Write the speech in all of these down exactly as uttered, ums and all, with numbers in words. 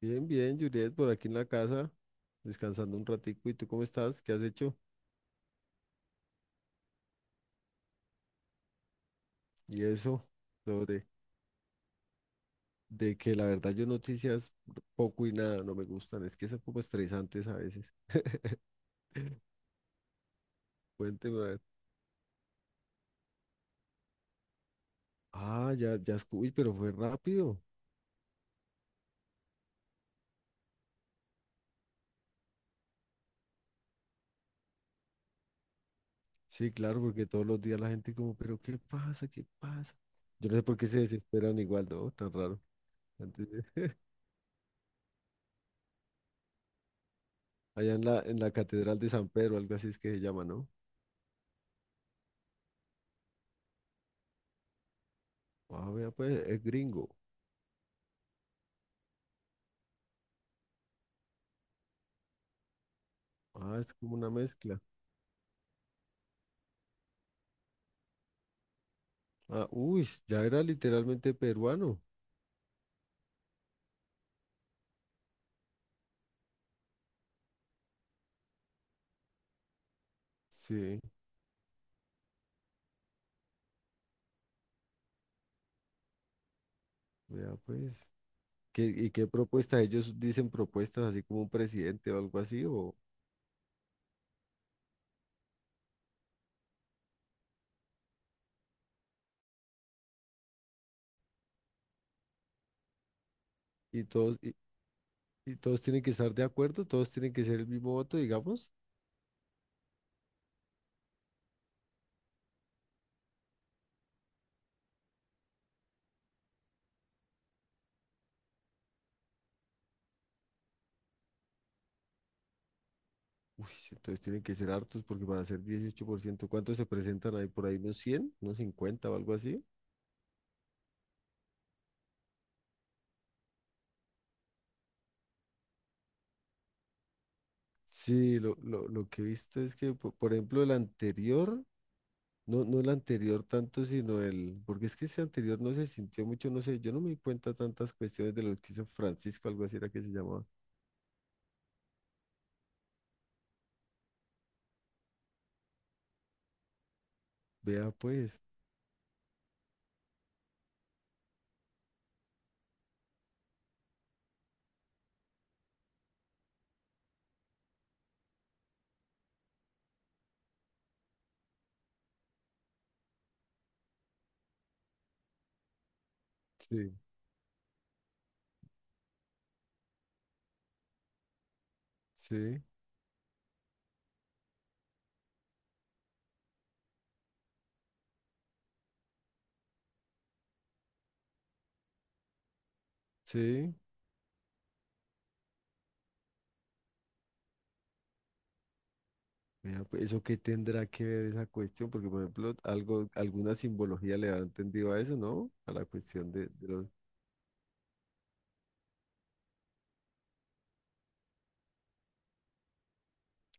Bien, bien, Juliet, por aquí en la casa, descansando un ratico. ¿Y tú cómo estás? ¿Qué has hecho? Y eso, sobre de que la verdad yo noticias poco y nada, no me gustan. Es que son como estresantes a veces. Cuénteme, a ver. Ah, ya, ya, escu- uy, pero fue rápido. Sí, claro, porque todos los días la gente como, pero ¿qué pasa? ¿Qué pasa? Yo no sé por qué se desesperan igual, ¿no? Tan raro. Antes de- Allá en la, en la Catedral de San Pedro, algo así es que se llama, ¿no? Ah, vea, pues, es gringo. Ah, es como una mezcla. Ah, uy, ya era literalmente peruano. Sí, vea pues. ¿Qué, y qué propuesta? Ellos dicen propuestas así como un presidente o algo así, o, y todos, y, y todos tienen que estar de acuerdo, todos tienen que ser el mismo voto, digamos. Uy, sí, entonces tienen que ser hartos porque van a ser dieciocho por ciento. ¿Cuántos se presentan ahí? Por ahí unos cien, unos cincuenta o algo así. Sí, lo, lo, lo que he visto es que, po- por ejemplo, el anterior. No, no el anterior tanto, sino el, porque es que ese anterior no se sintió mucho, no sé, yo no me di cuenta tantas cuestiones de lo que hizo Francisco, algo así era que se llamaba. Vea pues, sí, sí, sí, vea pues, eso qué tendrá que ver esa cuestión, porque por ejemplo, algo, alguna simbología le ha entendido a eso, ¿no? A la cuestión de, de los...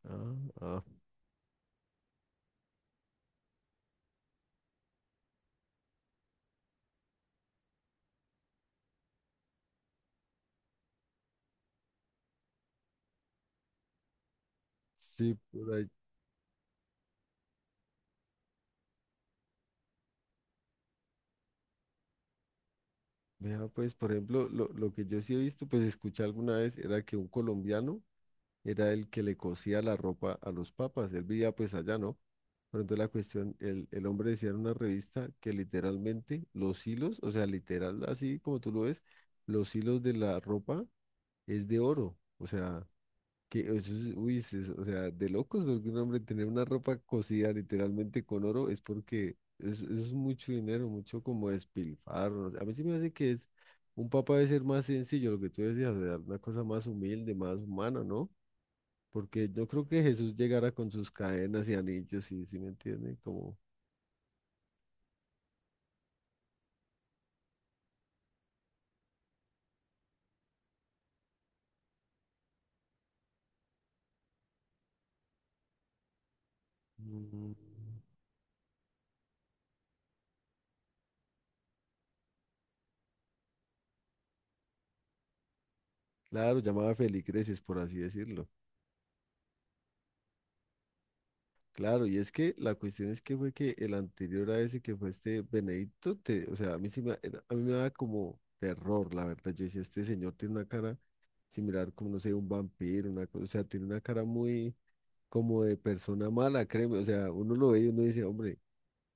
Ah, ah, sí, por ahí. Vea pues, por ejemplo, lo, lo que yo sí he visto, pues escuché alguna vez, era que un colombiano era el que le cosía la ropa a los papas. Él vivía pues allá, ¿no? Pero entonces la cuestión, el, el hombre decía en una revista que literalmente los hilos, o sea, literal, así como tú lo ves, los hilos de la ropa es de oro. O sea, que eso es, uy, es- es- o sea, de locos, porque un hombre tener una ropa cosida literalmente con oro es porque es- eso es mucho dinero, mucho como despilfarro. A mí sí me hace que es, un papa debe ser más sencillo, lo que tú decías, o sea, una cosa más humilde, más humana, ¿no? Porque yo creo que Jesús llegara con sus cadenas y anillos, ¿y si me entiende? Como, mm, claro, llamaba feligreses, por así decirlo. Claro, y es que la cuestión es que fue que el anterior a ese que fue este Benedicto, te- o sea, a mí sí me, era- a mí me daba como terror, la verdad. Yo decía, este señor tiene una cara similar como, no sé, un vampiro, una cosa, o sea, tiene una cara muy como de persona mala, créeme. O sea, uno lo ve y uno dice, hombre,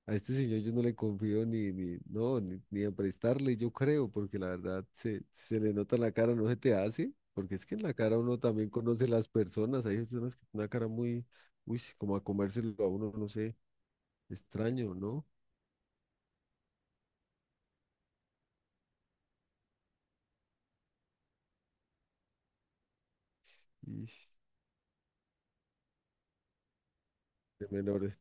a este señor yo no le confío ni, ni, no, ni, ni a prestarle, yo creo, porque la verdad se, se le nota en la cara, no se te hace, porque es que en la cara uno también conoce las personas, hay personas que tienen una cara muy, uy, como a comérselo a uno, no sé, extraño, ¿no? Y de menores.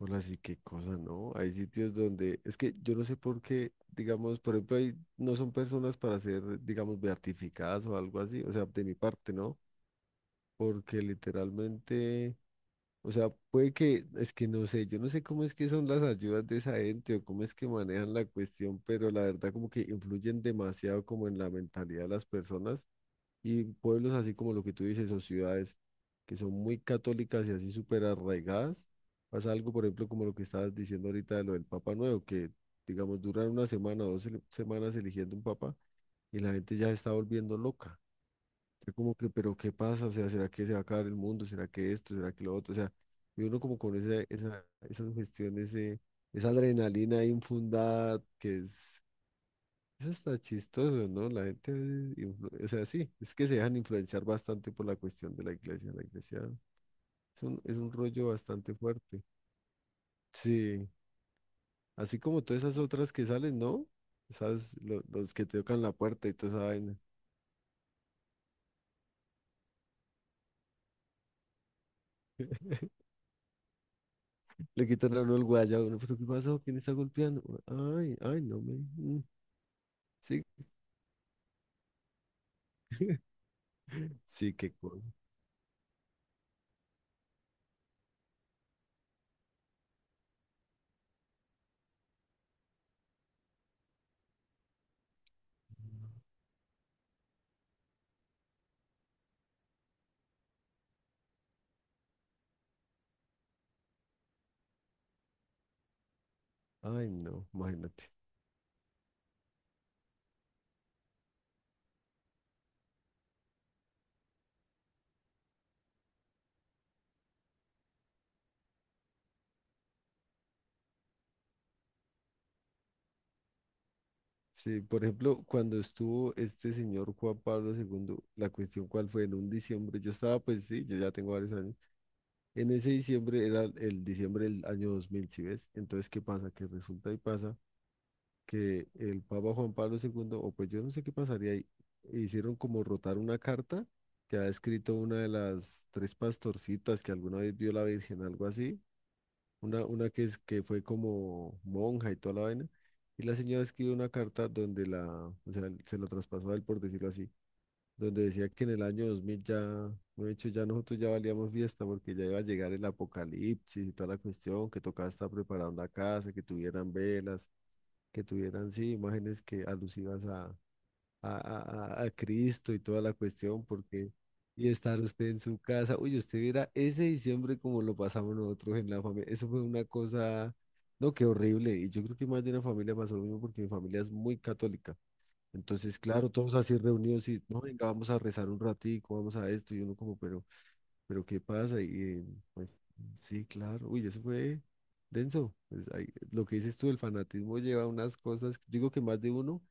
Hola, sí, qué cosa, ¿no? Hay sitios donde, es que yo no sé por qué, digamos, por ejemplo, ahí no son personas para ser, digamos, beatificadas o algo así, o sea, de mi parte, ¿no? Porque literalmente... O sea, puede que, es que no sé, yo no sé cómo es que son las ayudas de esa gente o cómo es que manejan la cuestión, pero la verdad como que influyen demasiado como en la mentalidad de las personas y pueblos así como lo que tú dices o ciudades que son muy católicas y así súper arraigadas. Pasa algo, por ejemplo, como lo que estabas diciendo ahorita de lo del Papa Nuevo, que digamos duran una semana o dos se- semanas eligiendo un papa y la gente ya se está volviendo loca. Yo como que, pero ¿qué pasa? O sea, ¿será que se va a acabar el mundo? ¿Será que esto? ¿Será que lo otro? O sea, y uno como con esa, esa, esa sugestión, ese, esa adrenalina ahí infundada, que es, eso está chistoso, ¿no? La gente, a veces influ- o sea, sí, es que se dejan influenciar bastante por la cuestión de la iglesia. La iglesia es un, es un rollo bastante fuerte. Sí, así como todas esas otras que salen, ¿no? Esas, lo- los que te tocan la puerta y toda esa vaina. Le quitan a uno el guaya, uno, ¿pero qué pasó? ¿Quién está golpeando? Ay, ay, no me. Mm, sí, sí, qué cosa. Ay, no, imagínate. Sí, por ejemplo, cuando estuvo este señor Juan Pablo segundo, la cuestión cuál fue en un diciembre, yo estaba, pues sí, yo ya tengo varios años. En ese diciembre era el diciembre del año dos mil, ¿sí ves? Entonces, ¿qué pasa? Que resulta y pasa que el Papa Juan Pablo segundo o pues yo no sé qué pasaría ahí, hicieron como rotar una carta que ha escrito una de las tres pastorcitas que alguna vez vio la Virgen, algo así, una, una que, es, que fue como monja y toda la vaina, y la señora escribió una carta donde la, o sea, se lo traspasó a él, por decirlo así, donde decía que en el año dos mil ya, de hecho, ya nosotros ya valíamos fiesta porque ya iba a llegar el apocalipsis y toda la cuestión, que tocaba estar preparando la casa, que tuvieran velas, que tuvieran, sí, imágenes que alusivas a, a, a- a- Cristo y toda la cuestión, porque y estar usted en su casa, uy, usted viera ese diciembre como lo pasamos nosotros en la familia, eso fue una cosa, no, qué horrible, y yo creo que más de una familia pasó lo mismo porque mi familia es muy católica, entonces, claro, todos así reunidos y, no, venga, vamos a rezar un ratico, vamos a esto, y uno como, pero... Pero ¿qué pasa? Y eh, pues sí, claro. Uy, eso fue denso. Pues, ahí, lo que dices tú, el fanatismo lleva a unas cosas. Digo que más de uno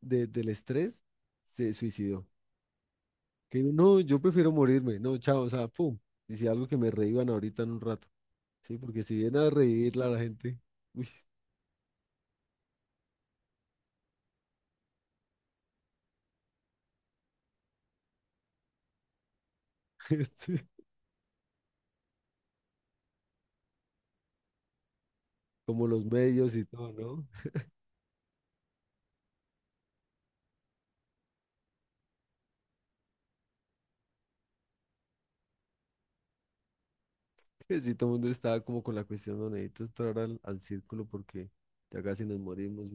de- del estrés se suicidó. Que digo, no, yo prefiero morirme. No, chao, o sea, pum. Y si algo que me reíban ahorita en un rato. Sí, porque si viene a reírla a la gente, uy, este, como los medios y todo, ¿no? Que si todo el mundo estaba como con la cuestión, no necesito entrar al, al círculo porque ya casi nos morimos.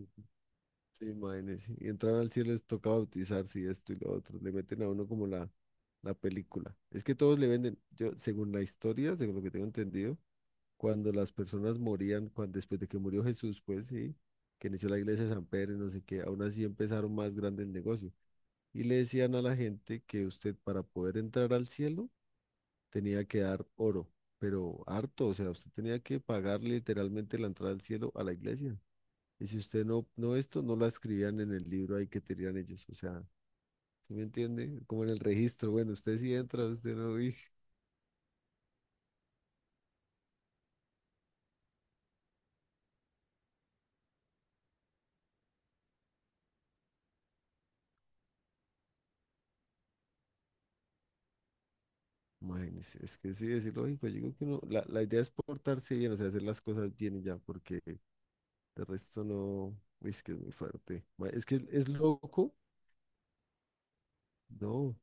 Sí, imagínese, sí, y entrar al cielo les toca bautizarse y esto y lo otro. Le meten a uno como la, la película. Es que todos le venden, yo, según la historia, según lo que tengo entendido, cuando las personas morían, cuando, después de que murió Jesús, pues sí, que inició la iglesia de San Pedro y no sé qué, aún así empezaron más grande el negocio. Y le decían a la gente que usted para poder entrar al cielo tenía que dar oro, pero harto, o sea, usted tenía que pagar literalmente la entrada al cielo a la iglesia. Y si usted no, no esto, no la escribían en el libro ahí que tenían ellos. O sea, ¿sí me entiende? Como en el registro. Bueno, usted sí entra, usted no. Y, imagínese, es que sí, es ilógico. Yo digo que no. La, la idea es portarse bien, o sea, hacer las cosas bien y ya, porque de resto no. Uy, es que es muy fuerte. Ma- Es que es loco. No.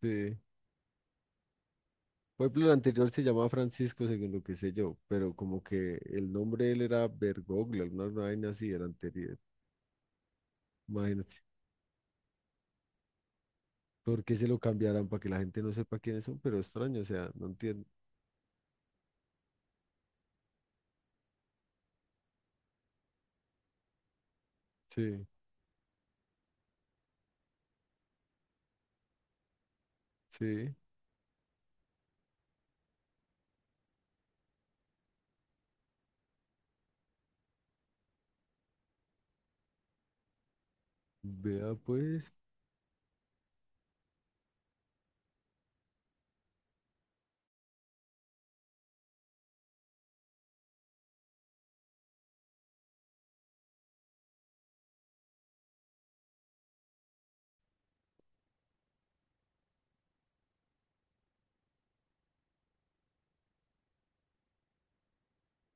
Sí. Por ejemplo, el anterior se llamaba Francisco, según lo que sé yo, pero como que el nombre de él era Bergoglio, alguna vaina así, el anterior. Imagínate. ¿Por qué se lo cambiarán? Para que la gente no sepa quiénes son, pero extraño, o sea, no entiendo. Sí, sí. Vea pues,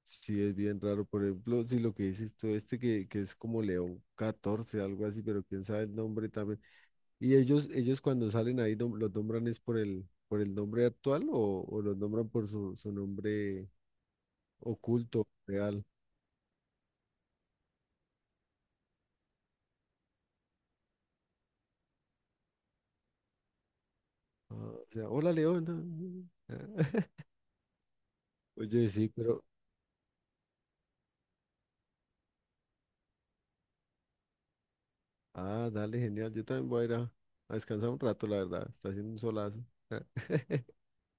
sí es bien raro. Por ejemplo, si lo que dices tú, este que, que es como León catorce algo así, pero quién sabe el nombre también. Y ellos, ellos cuando salen ahí nom- los nombran es por el, por el nombre actual o, o los nombran por su, su nombre oculto, real. Ah, o sea, hola León. Ah, ah. Oye, sí, pero, ah, dale, genial. Yo también voy a ir a, a descansar un rato, la verdad. Está haciendo un solazo.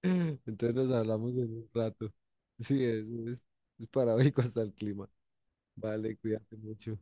Entonces nos hablamos en un rato. Sí, es, es, es paradójico hasta el clima. Vale, cuídate mucho.